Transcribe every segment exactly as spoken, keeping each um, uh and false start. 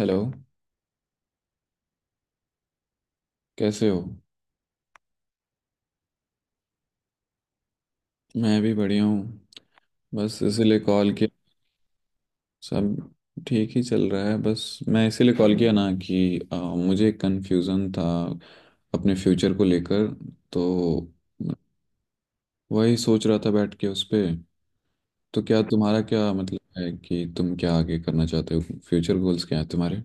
Hello. कैसे हो। मैं भी बढ़िया हूँ। बस इसीलिए कॉल किया। सब ठीक ही चल रहा है। बस मैं इसीलिए कॉल किया ना कि आ, मुझे कंफ्यूजन था अपने फ्यूचर को लेकर। तो वही सोच रहा था बैठ के उस पे। तो क्या तुम्हारा, क्या मतलब है कि तुम क्या आगे करना चाहते हो। फ्यूचर गोल्स क्या है तुम्हारे।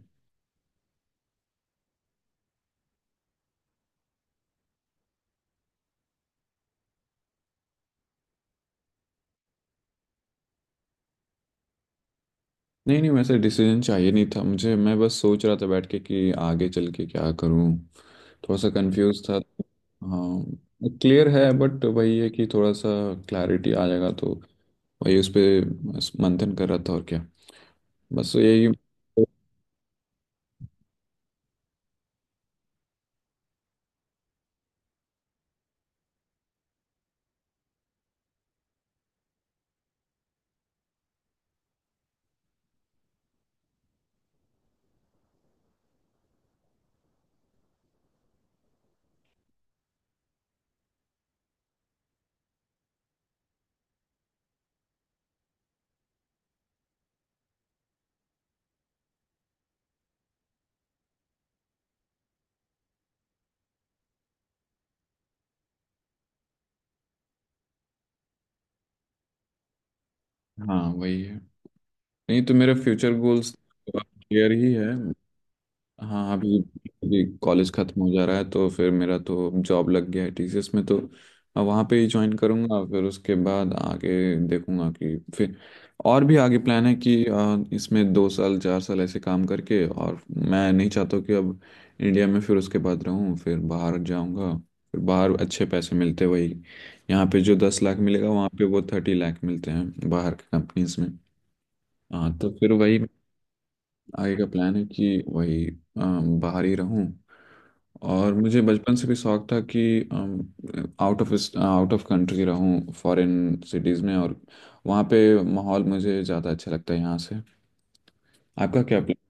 नहीं नहीं, वैसे डिसीजन चाहिए नहीं था मुझे। मैं बस सोच रहा था बैठ के कि आगे चल के क्या करूं। थोड़ा सा कंफ्यूज था, हाँ। क्लियर है बट वही है कि थोड़ा सा क्लैरिटी आ जाएगा तो। वही उस पे मंथन कर रहा था। और क्या, बस यही। हाँ, वही है। नहीं तो मेरे फ्यूचर गोल्स क्लियर ही है। हाँ, अभी। अभी कॉलेज खत्म हो जा रहा है तो फिर मेरा तो जॉब लग गया है टीसीएस में, तो अब वहाँ पे ही ज्वाइन करूँगा। फिर उसके बाद आगे देखूँगा कि फिर। और भी आगे प्लान है कि अ, इसमें दो साल चार साल ऐसे काम करके, और मैं नहीं चाहता कि अब इंडिया में फिर उसके बाद रहूँ। फिर बाहर जाऊँगा। फिर बाहर अच्छे पैसे मिलते, वही। यहाँ पे जो दस लाख मिलेगा वहाँ पे वो थर्टी लाख मिलते हैं बाहर की कंपनीज में। हाँ, तो फिर वही आगे का प्लान है कि वही अम, बाहर ही रहूं। और मुझे बचपन से भी शौक था कि out of out of country रहूं, फॉरेन सिटीज़ में। और वहाँ पे माहौल मुझे ज़्यादा अच्छा लगता है यहाँ से। आपका क्या प्लान।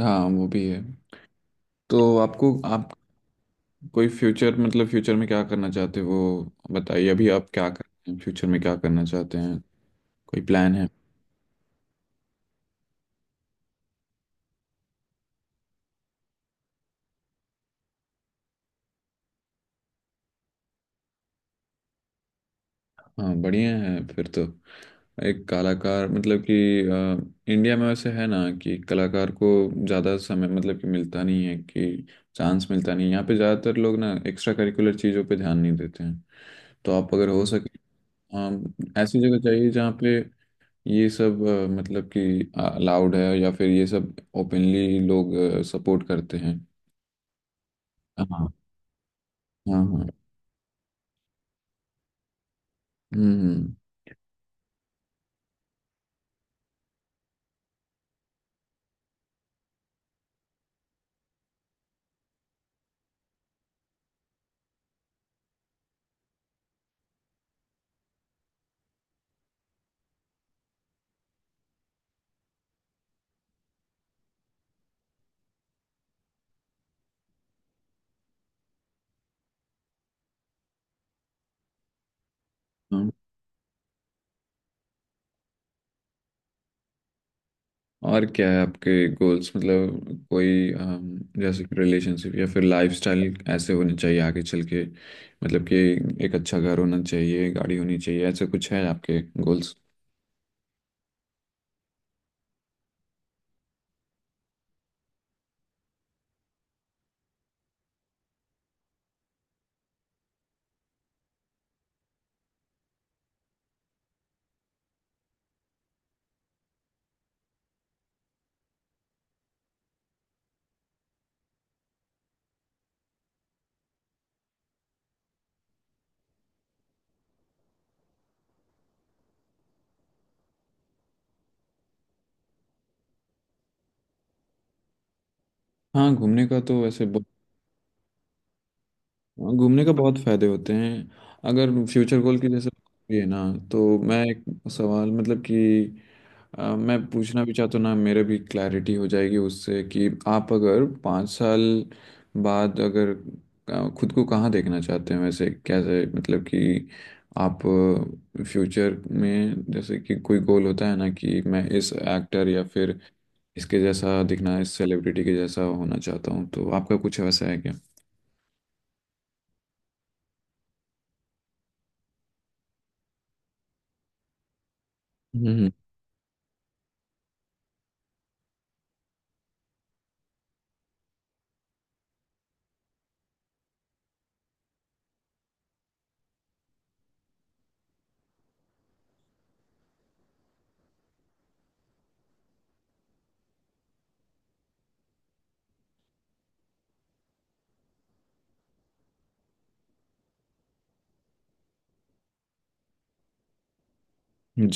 हाँ, वो भी है। तो आपको आप कोई फ्यूचर मतलब फ्यूचर में क्या करना चाहते हो वो बताइए। अभी आप क्या कर रहे हैं, फ्यूचर में क्या करना चाहते हैं, कोई प्लान है। हाँ बढ़िया है फिर तो। एक कलाकार मतलब कि अ, इंडिया में वैसे है ना, कि कलाकार को ज़्यादा समय मतलब कि मिलता नहीं है, कि चांस मिलता नहीं है यहाँ पे। ज़्यादातर लोग ना एक्स्ट्रा करिकुलर चीज़ों पे ध्यान नहीं देते हैं। तो आप अगर हो सके। हाँ। ऐसी जगह चाहिए जहाँ पे ये सब अ, मतलब कि अलाउड है, या फिर ये सब ओपनली लोग सपोर्ट करते हैं। हाँ हाँ। हाँ। हम्म। हम्म। और क्या है आपके गोल्स, मतलब कोई अम, जैसे कि रिलेशनशिप या फिर लाइफस्टाइल ऐसे होने चाहिए आगे चल के, मतलब कि एक अच्छा घर होना चाहिए, गाड़ी होनी चाहिए, ऐसे कुछ है आपके गोल्स। हाँ, घूमने का तो वैसे। हाँ, घूमने का बहुत फायदे होते हैं। अगर फ्यूचर गोल की जैसे ये ना, तो मैं एक सवाल मतलब कि अ, मैं पूछना भी चाहता हूँ ना, मेरे भी क्लैरिटी हो जाएगी उससे, कि आप अगर पाँच साल बाद अगर अ, खुद को कहाँ देखना चाहते हैं वैसे, कैसे मतलब कि आप फ्यूचर में जैसे कि कोई गोल होता है ना, कि मैं इस एक्टर या फिर इसके जैसा दिखना, इस सेलिब्रिटी के जैसा होना चाहता हूँ, तो आपका कुछ वैसा है क्या। हम्म।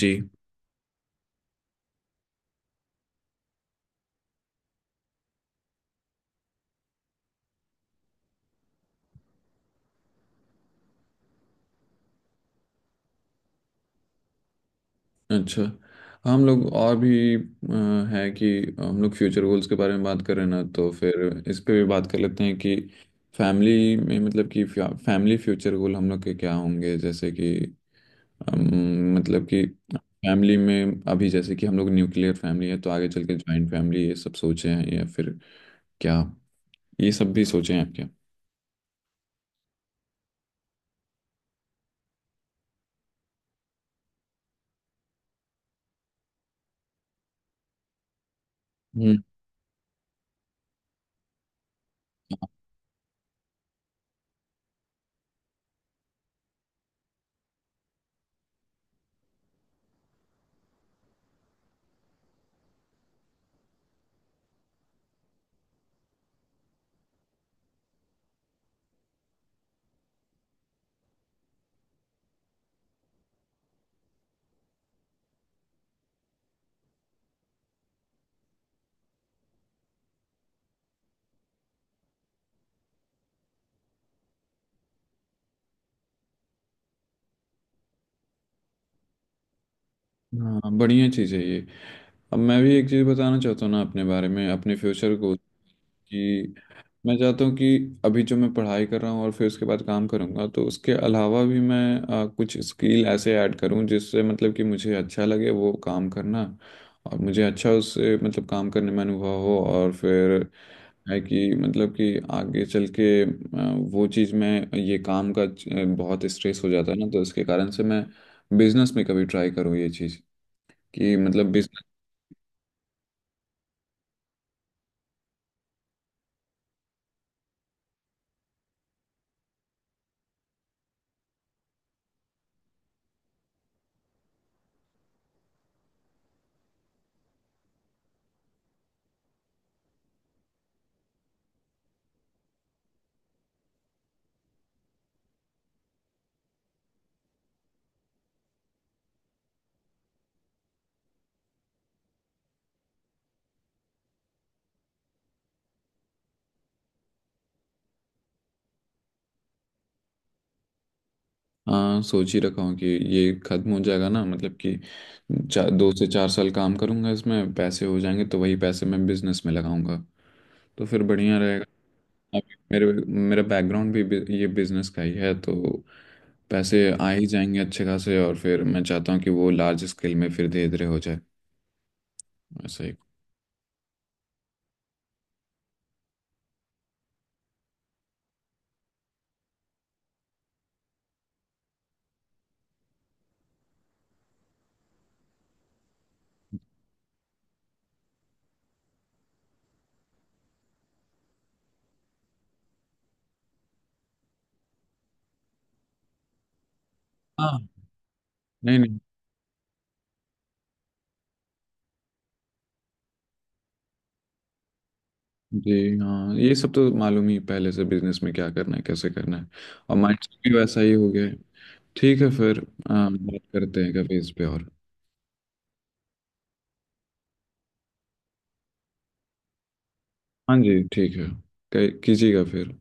जी। अच्छा। हम लोग और भी अ, है कि हम लोग फ्यूचर गोल्स के बारे में बात कर रहे हैं ना, तो फिर इस पे भी बात कर लेते हैं कि फैमिली में मतलब कि फैमिली फ्यूचर गोल हम लोग के क्या होंगे, जैसे कि अम, मतलब कि फैमिली में अभी जैसे कि हम लोग न्यूक्लियर फैमिली है, तो आगे चल के ज्वाइंट फैमिली ये सब सोचे हैं, या फिर क्या, ये सब भी सोचे हैं आप क्या। हम्म। हाँ बढ़िया चीज़ है ये। अब मैं भी एक चीज़ बताना चाहता हूँ ना, अपने बारे में, अपने फ्यूचर को कि मैं चाहता हूँ कि अभी जो मैं पढ़ाई कर रहा हूँ और फिर उसके बाद काम करूँगा, तो उसके अलावा भी मैं अ, कुछ स्किल ऐसे ऐड करूँ जिससे मतलब कि मुझे अच्छा लगे वो काम करना, और मुझे अच्छा उससे मतलब काम करने में अनुभव हो। और फिर है कि मतलब कि आगे चल के अ, वो चीज़ में ये काम का अ, बहुत स्ट्रेस हो जाता है ना, तो इसके कारण से मैं बिजनेस में कभी ट्राई करूँ ये चीज़, कि मतलब बिजनेस। हाँ सोच ही रखा हूँ कि ये खत्म हो जाएगा ना मतलब कि चार दो से चार साल काम करूंगा, इसमें पैसे हो जाएंगे तो वही पैसे मैं बिजनेस में लगाऊंगा, तो फिर बढ़िया रहेगा। अब मेरे मेरा बैकग्राउंड भी बि- ये बिजनेस का ही है, तो पैसे आ ही जाएंगे अच्छे खासे, और फिर मैं चाहता हूँ कि वो लार्ज स्केल में फिर धीरे धीरे हो जाए। ऐसा ही। हाँ। नहीं नहीं। जी हाँ, ये सब तो मालूम ही पहले से बिजनेस में क्या करना है, कैसे करना है। और माइंड भी वैसा ही हो गया है। ठीक है फिर अ, बात करते हैं कभी इस पे और। हाँ जी, ठीक है। कह- कीजिएगा फिर।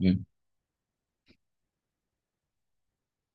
जी।